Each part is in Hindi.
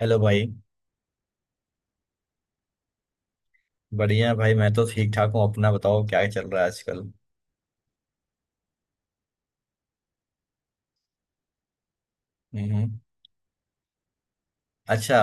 हेलो भाई। बढ़िया भाई, मैं तो ठीक ठाक हूँ। अपना बताओ, क्या चल रहा है आजकल? हम्म। अच्छा।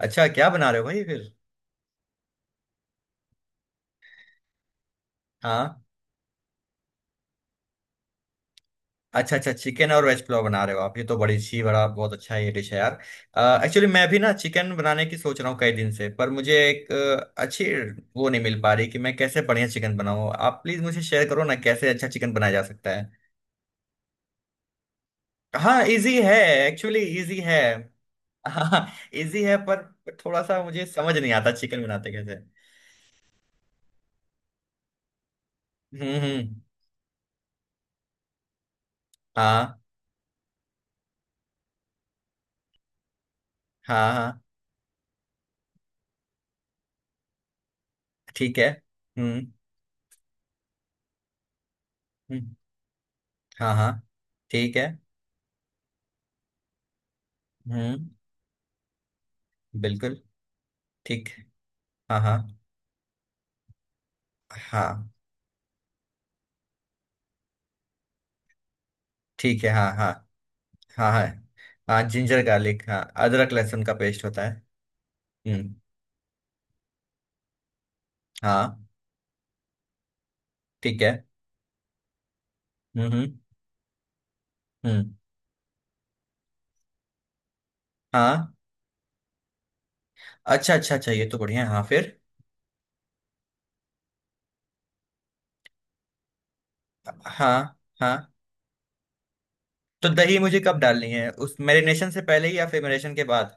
अच्छा, क्या बना रहे हो भाई फिर? हाँ। अच्छा अच्छा, चिकन और वेज पुलाव बना रहे हो आप। ये तो बड़ी अच्छी, बड़ा बहुत अच्छा, ये डिश है यार। एक्चुअली मैं भी ना चिकन बनाने की सोच रहा हूँ कई दिन से, पर मुझे एक अच्छी वो नहीं मिल पा रही कि मैं कैसे बढ़िया चिकन बनाऊँ। आप प्लीज मुझे शेयर करो ना, कैसे अच्छा चिकन बनाया जा सकता है। हाँ इजी है। एक्चुअली इजी है। हाँ। इजी है पर थोड़ा सा मुझे समझ नहीं आता चिकन बनाते कैसे। हम्म। हाँ हाँ हाँ। ठीक है। हम्म हम्म, हाँ हाँ। ठीक है। हम्म। बिल्कुल। ठीक। हाँ हाँ हाँ। ठीक है। हाँ हाँ। हाँ हाँ हाँ जिंजर गार्लिक, हाँ अदरक लहसुन का पेस्ट होता है। हम्म। हाँ। ठीक है। हम्म हम्म हम्म, हाँ। अच्छा अच्छा अच्छा ये तो बढ़िया है, हाँ फिर। हाँ हाँ। तो दही मुझे कब डालनी है, उस मैरिनेशन से पहले ही या फिर मैरिनेशन के बाद?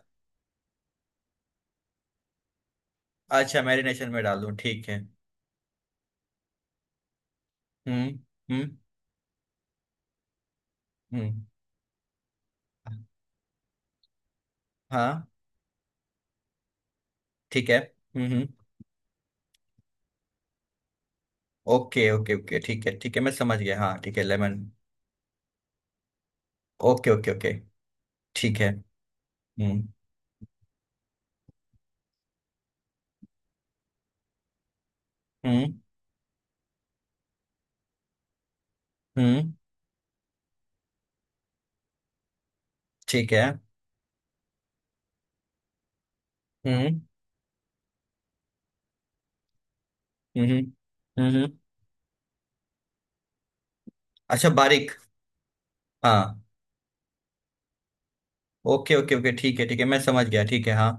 अच्छा, मैरिनेशन में डाल दूँ, ठीक है। हम्म हम्म हम्म। हाँ। ठीक है। हम्म। ओके ओके ओके, ठीक है ठीक है, मैं समझ गया। हाँ ठीक है, लेमन। Okay okay okay. ठीक है। हम्म हम्म हम्म। ठीक है। हम्म हम्म हम्म हम्म। अच्छा बारीक। हाँ। ओके ओके ओके, ठीक है ठीक है, मैं समझ गया, ठीक है हाँ।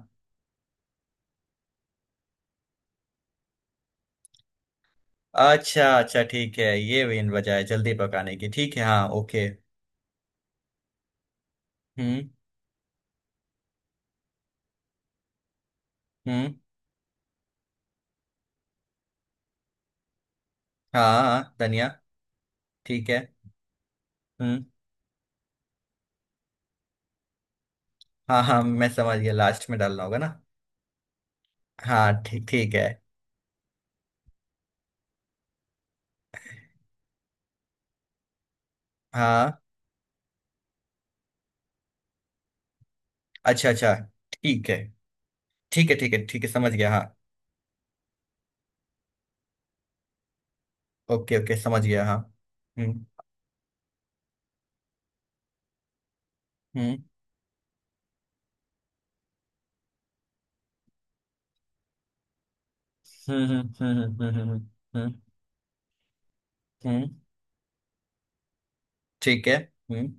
अच्छा अच्छा ठीक है, ये मेन वजह है जल्दी पकाने की, ठीक है हाँ, ओके। हम्म हम्म। हाँ हाँ, धनिया। ठीक है। हम्म। हाँ हाँ मैं समझ गया, लास्ट में डालना होगा ना। हाँ ठीक, ठीक है। हाँ। अच्छा अच्छा। ठीक है। ठीक है ठीक है ठीक है, समझ गया हाँ। ओके ओके, समझ गया हाँ। हम्म हम्म हम्म हम्म हम्म हम्म हम्म, हम्म, हम्म, ठीक है। हम्म।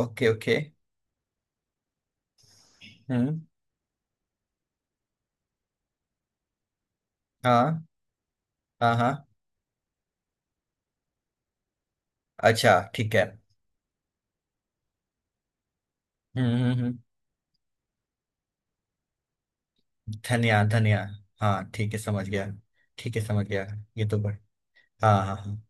Okay okay. हम्म। हाँ हाँ हाँ। अच्छा ठीक है। हम्म हम्म हम्म, धनिया धनिया। हाँ ठीक है, समझ गया। ठीक है समझ गया। ये तो बढ़ हाँ हाँ हाँ।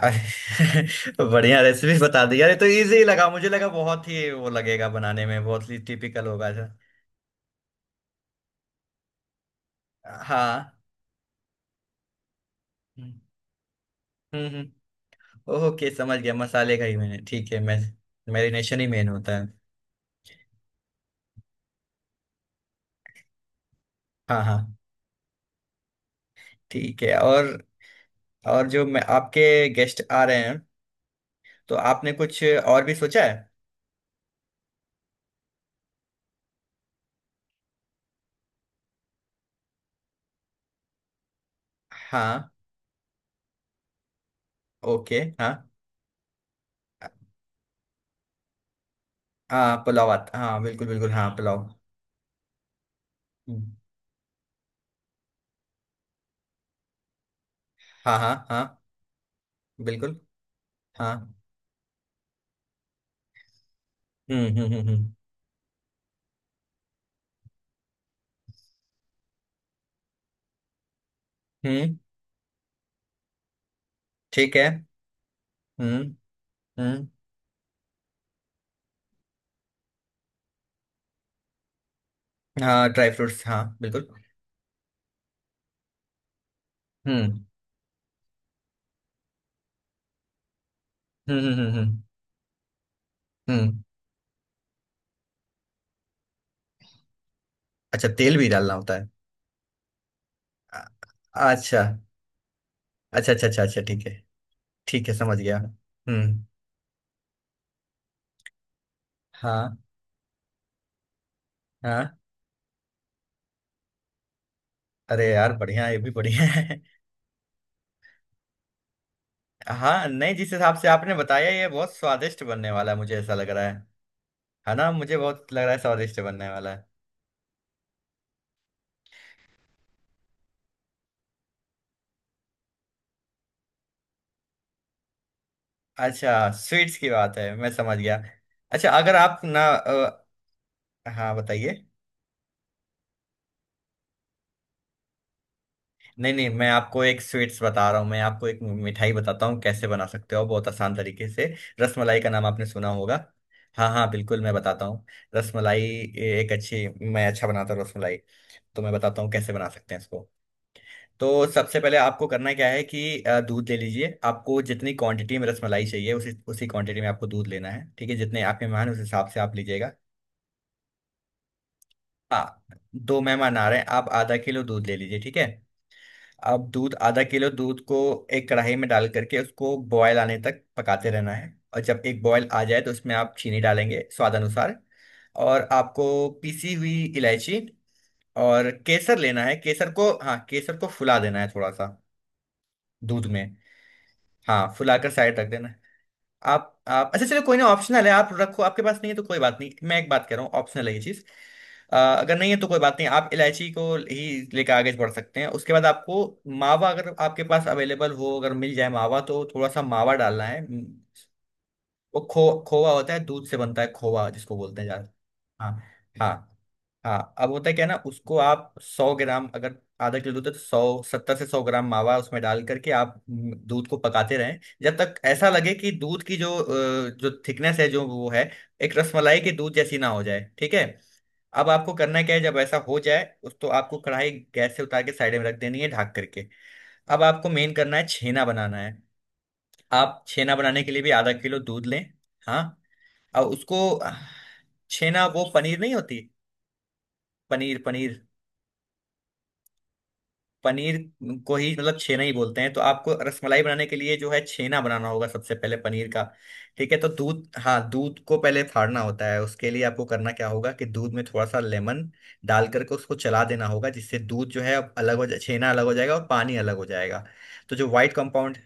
अरे, बढ़िया रेसिपी बता दी यार, ये तो इजी लगा, मुझे लगा बहुत ही वो लगेगा बनाने में, बहुत ही टिपिकल होगा ऐसा। हाँ। हम्म हम्म। ओके समझ गया, मसाले का ही मैंने, ठीक है मैं। मैरिनेशन ही मेन होता है। हाँ हाँ। ठीक है, और। और जो मैं आपके, गेस्ट आ रहे हैं, तो आपने कुछ और भी सोचा है? हाँ ओके। हाँ हाँ पुलाव आता, हाँ बिल्कुल बिल्कुल हाँ पुलाव। हम्म, हाँ हाँ हाँ। बिल्कुल। हाँ। हम्म हम्म हम्म हम्म हम्म, ठीक है। हम्म हम्म। हाँ ड्राई फ्रूट्स हाँ बिल्कुल। हम्म हम्म हम्म हम्म हम्म हम्म, अच्छा तेल भी डालना होता है? अ- अच्छा अच्छा अच्छा अच्छा अच्छा ठीक है। ठीक है समझ गया, हम्म। हाँ हाँ। अरे यार बढ़िया, ये भी बढ़िया है। हाँ नहीं, जिस हिसाब से आपने बताया, ये बहुत स्वादिष्ट बनने वाला है, मुझे ऐसा लग रहा है। है ना, मुझे बहुत लग रहा है स्वादिष्ट बनने वाला है। अच्छा स्वीट्स की बात है, मैं समझ गया। अच्छा, अगर आप ना हाँ बताइए। नहीं नहीं, मैं आपको एक स्वीट्स बता रहा हूँ, मैं आपको एक मिठाई बताता हूँ कैसे बना सकते हो, बहुत आसान तरीके से। रसमलाई का नाम आपने सुना होगा। हाँ हाँ बिल्कुल, मैं बताता हूँ। रसमलाई एक अच्छी। मैं अच्छा बनाता हूँ रसमलाई। तो मैं बताता हूँ कैसे बना सकते हैं इसको। तो सबसे पहले आपको करना क्या है कि दूध ले लीजिए, आपको जितनी क्वांटिटी में रसमलाई चाहिए, उसी उसी क्वांटिटी में आपको दूध लेना है, ठीक है। जितने आप मेहमान हैं, उस हिसाब से आप लीजिएगा। हाँ। दो मेहमान आ रहे हैं, आप आधा किलो दूध ले लीजिए, ठीक है। अब दूध, आधा किलो दूध को एक कढ़ाई में डाल करके उसको बॉयल आने तक पकाते रहना है, और जब एक बॉयल आ जाए तो उसमें आप चीनी डालेंगे स्वाद अनुसार। और आपको पीसी हुई इलायची, और केसर लेना है। केसर को, हाँ केसर को फुला देना है थोड़ा सा दूध में। हाँ फुलाकर साइड रख देना। आप, अच्छा चलो कोई ना, ऑप्शनल है, आप रखो, आपके पास नहीं है तो कोई बात नहीं, मैं एक बात कह रहा हूँ, ऑप्शनल है ये चीज़। अगर नहीं है तो कोई बात नहीं, आप इलायची को ही लेकर आगे बढ़ सकते हैं। उसके बाद आपको मावा, अगर आपके पास अवेलेबल हो, अगर मिल जाए मावा, तो थोड़ा सा मावा डालना है। वो खो खोवा होता है, दूध से बनता है, खोवा जिसको बोलते हैं। हाँ हाँ हाँ। अब होता है क्या ना, उसको आप 100 ग्राम, अगर आधा किलो दूध है तो 100, 70 से 100 ग्राम मावा उसमें डाल करके आप दूध को पकाते रहें, जब तक ऐसा लगे कि दूध की जो जो थिकनेस है जो वो है, एक रसमलाई के दूध जैसी ना हो जाए, ठीक है। अब आपको करना क्या है, जब ऐसा हो जाए उस तो आपको कढ़ाई गैस से उतार के साइड में रख देनी है ढक करके। अब आपको मेन करना है, छेना बनाना है। आप छेना बनाने के लिए भी आधा किलो दूध लें। हाँ। और उसको। छेना वो पनीर नहीं होती? पनीर पनीर। पनीर को ही मतलब छेना ही बोलते हैं, तो आपको रसमलाई बनाने के लिए जो है छेना बनाना होगा सबसे पहले, पनीर का। ठीक है तो दूध, हाँ दूध को पहले फाड़ना होता है, उसके लिए आपको करना क्या होगा कि दूध में थोड़ा सा लेमन डाल करके उसको चला देना होगा, जिससे दूध जो है अब अलग हो जाए, छेना अलग हो जाएगा और पानी अलग हो जाएगा। तो जो व्हाइट कंपाउंड।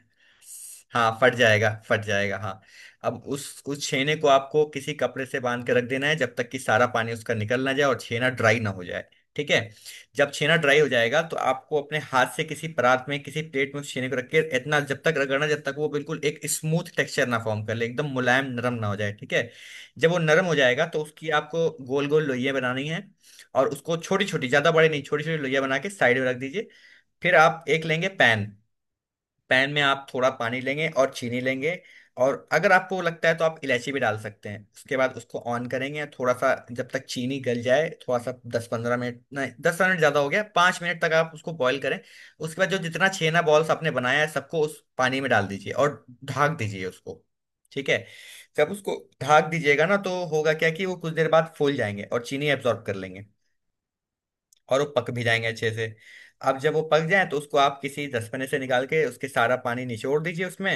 हाँ फट जाएगा, फट जाएगा, हाँ। अब उस छेने को आपको किसी कपड़े से बांध के रख देना है, जब तक कि सारा पानी उसका निकल ना जाए और छेना ड्राई ना हो जाए। ठीक है। जब छेना ड्राई हो जाएगा, तो आपको अपने हाथ से किसी परात में, किसी प्लेट में उस छेने को रख के इतना जब तक रगड़ना, जब तक वो बिल्कुल एक स्मूथ टेक्सचर ना फॉर्म कर ले, एकदम मुलायम नरम ना हो जाए, ठीक है। जब वो नरम हो जाएगा, तो उसकी आपको गोल गोल लोइयां बनानी है। और उसको छोटी छोटी, ज्यादा बड़े नहीं, छोटी छोटी लोइयां बना के साइड में रख दीजिए। फिर आप एक लेंगे पैन। पैन में आप थोड़ा पानी लेंगे और चीनी लेंगे। और अगर आपको लगता है तो आप इलायची भी डाल सकते हैं। उसके बाद उसको ऑन करेंगे, थोड़ा सा जब तक चीनी गल जाए, थोड़ा सा 10-15 मिनट, नहीं 10 मिनट ज़्यादा हो गया, 5 मिनट तक आप उसको बॉईल करें। उसके बाद जो जितना छेना बॉल्स आपने बनाया है सबको उस पानी में डाल दीजिए, और ढाक दीजिए उसको, ठीक है। जब उसको ढाक दीजिएगा ना, तो होगा क्या कि वो कुछ देर बाद फूल जाएंगे और चीनी एब्जॉर्ब कर लेंगे, और वो पक भी जाएंगे अच्छे से। अब जब वो पक जाए तो उसको आप किसी दसपने से निकाल के उसके सारा पानी निचोड़ दीजिए उसमें।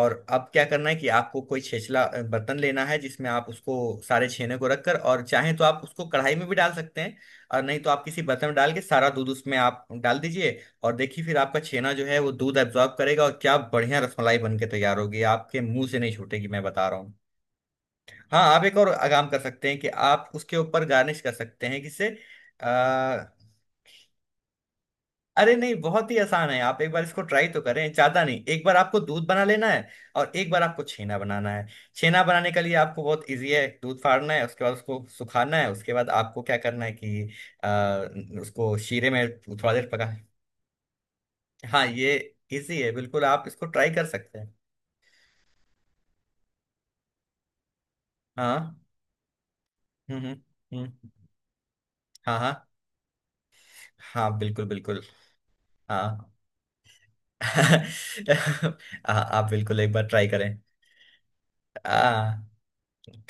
और अब क्या करना है कि आपको कोई छेछला बर्तन लेना है, जिसमें आप उसको सारे छेने को रखकर, और चाहें तो आप उसको कढ़ाई में भी डाल सकते हैं, और नहीं तो आप किसी बर्तन में डाल के सारा दूध उसमें आप डाल दीजिए। और देखिए फिर आपका छेना जो है वो दूध एब्जॉर्ब करेगा, और क्या बढ़िया रसमलाई बन के तैयार होगी, आपके मुंह से नहीं छूटेगी, मैं बता रहा हूँ। हाँ आप एक और काम कर सकते हैं कि आप उसके ऊपर गार्निश कर सकते हैं किससे। अरे नहीं, बहुत ही आसान है, आप एक बार इसको ट्राई तो करें, ज्यादा नहीं, एक बार आपको दूध बना लेना है। और एक बार आपको छेना बनाना है। छेना बनाने के लिए आपको बहुत इजी है, दूध फाड़ना है, उसके बाद उसको सुखाना है, उसके बाद आपको क्या करना है कि उसको शीरे में थोड़ा देर पका। हाँ ये इजी है बिल्कुल, आप इसको ट्राई कर सकते हैं। हाँ हम्म हम्म हम्म, हाँ हाँ हाँ बिल्कुल बिल्कुल हाँ। हाँ, आप बिल्कुल एक बार ट्राई करें। आ,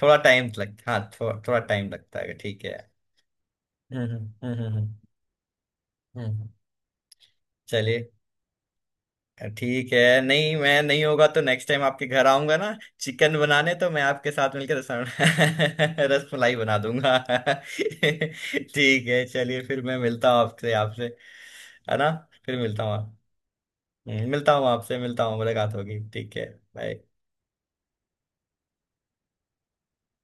थोड़ा टाइम लग, हाँ थोड़ा टाइम लगता है, ठीक है। हम्म हम्म हम्म हम्म, हम्म। हम्म, हम्म। चलिए, ठीक है, नहीं मैं, नहीं होगा तो नेक्स्ट टाइम आपके घर आऊंगा ना चिकन बनाने, तो मैं आपके साथ मिलकर रस रसमलाई बना दूंगा। ठीक है चलिए, फिर मैं मिलता हूँ आपसे आपसे। है ना। फिर मिलता हूँ मिलता हूँ आपसे, मिलता हूँ, मुलाकात होगी, ठीक है। बाय।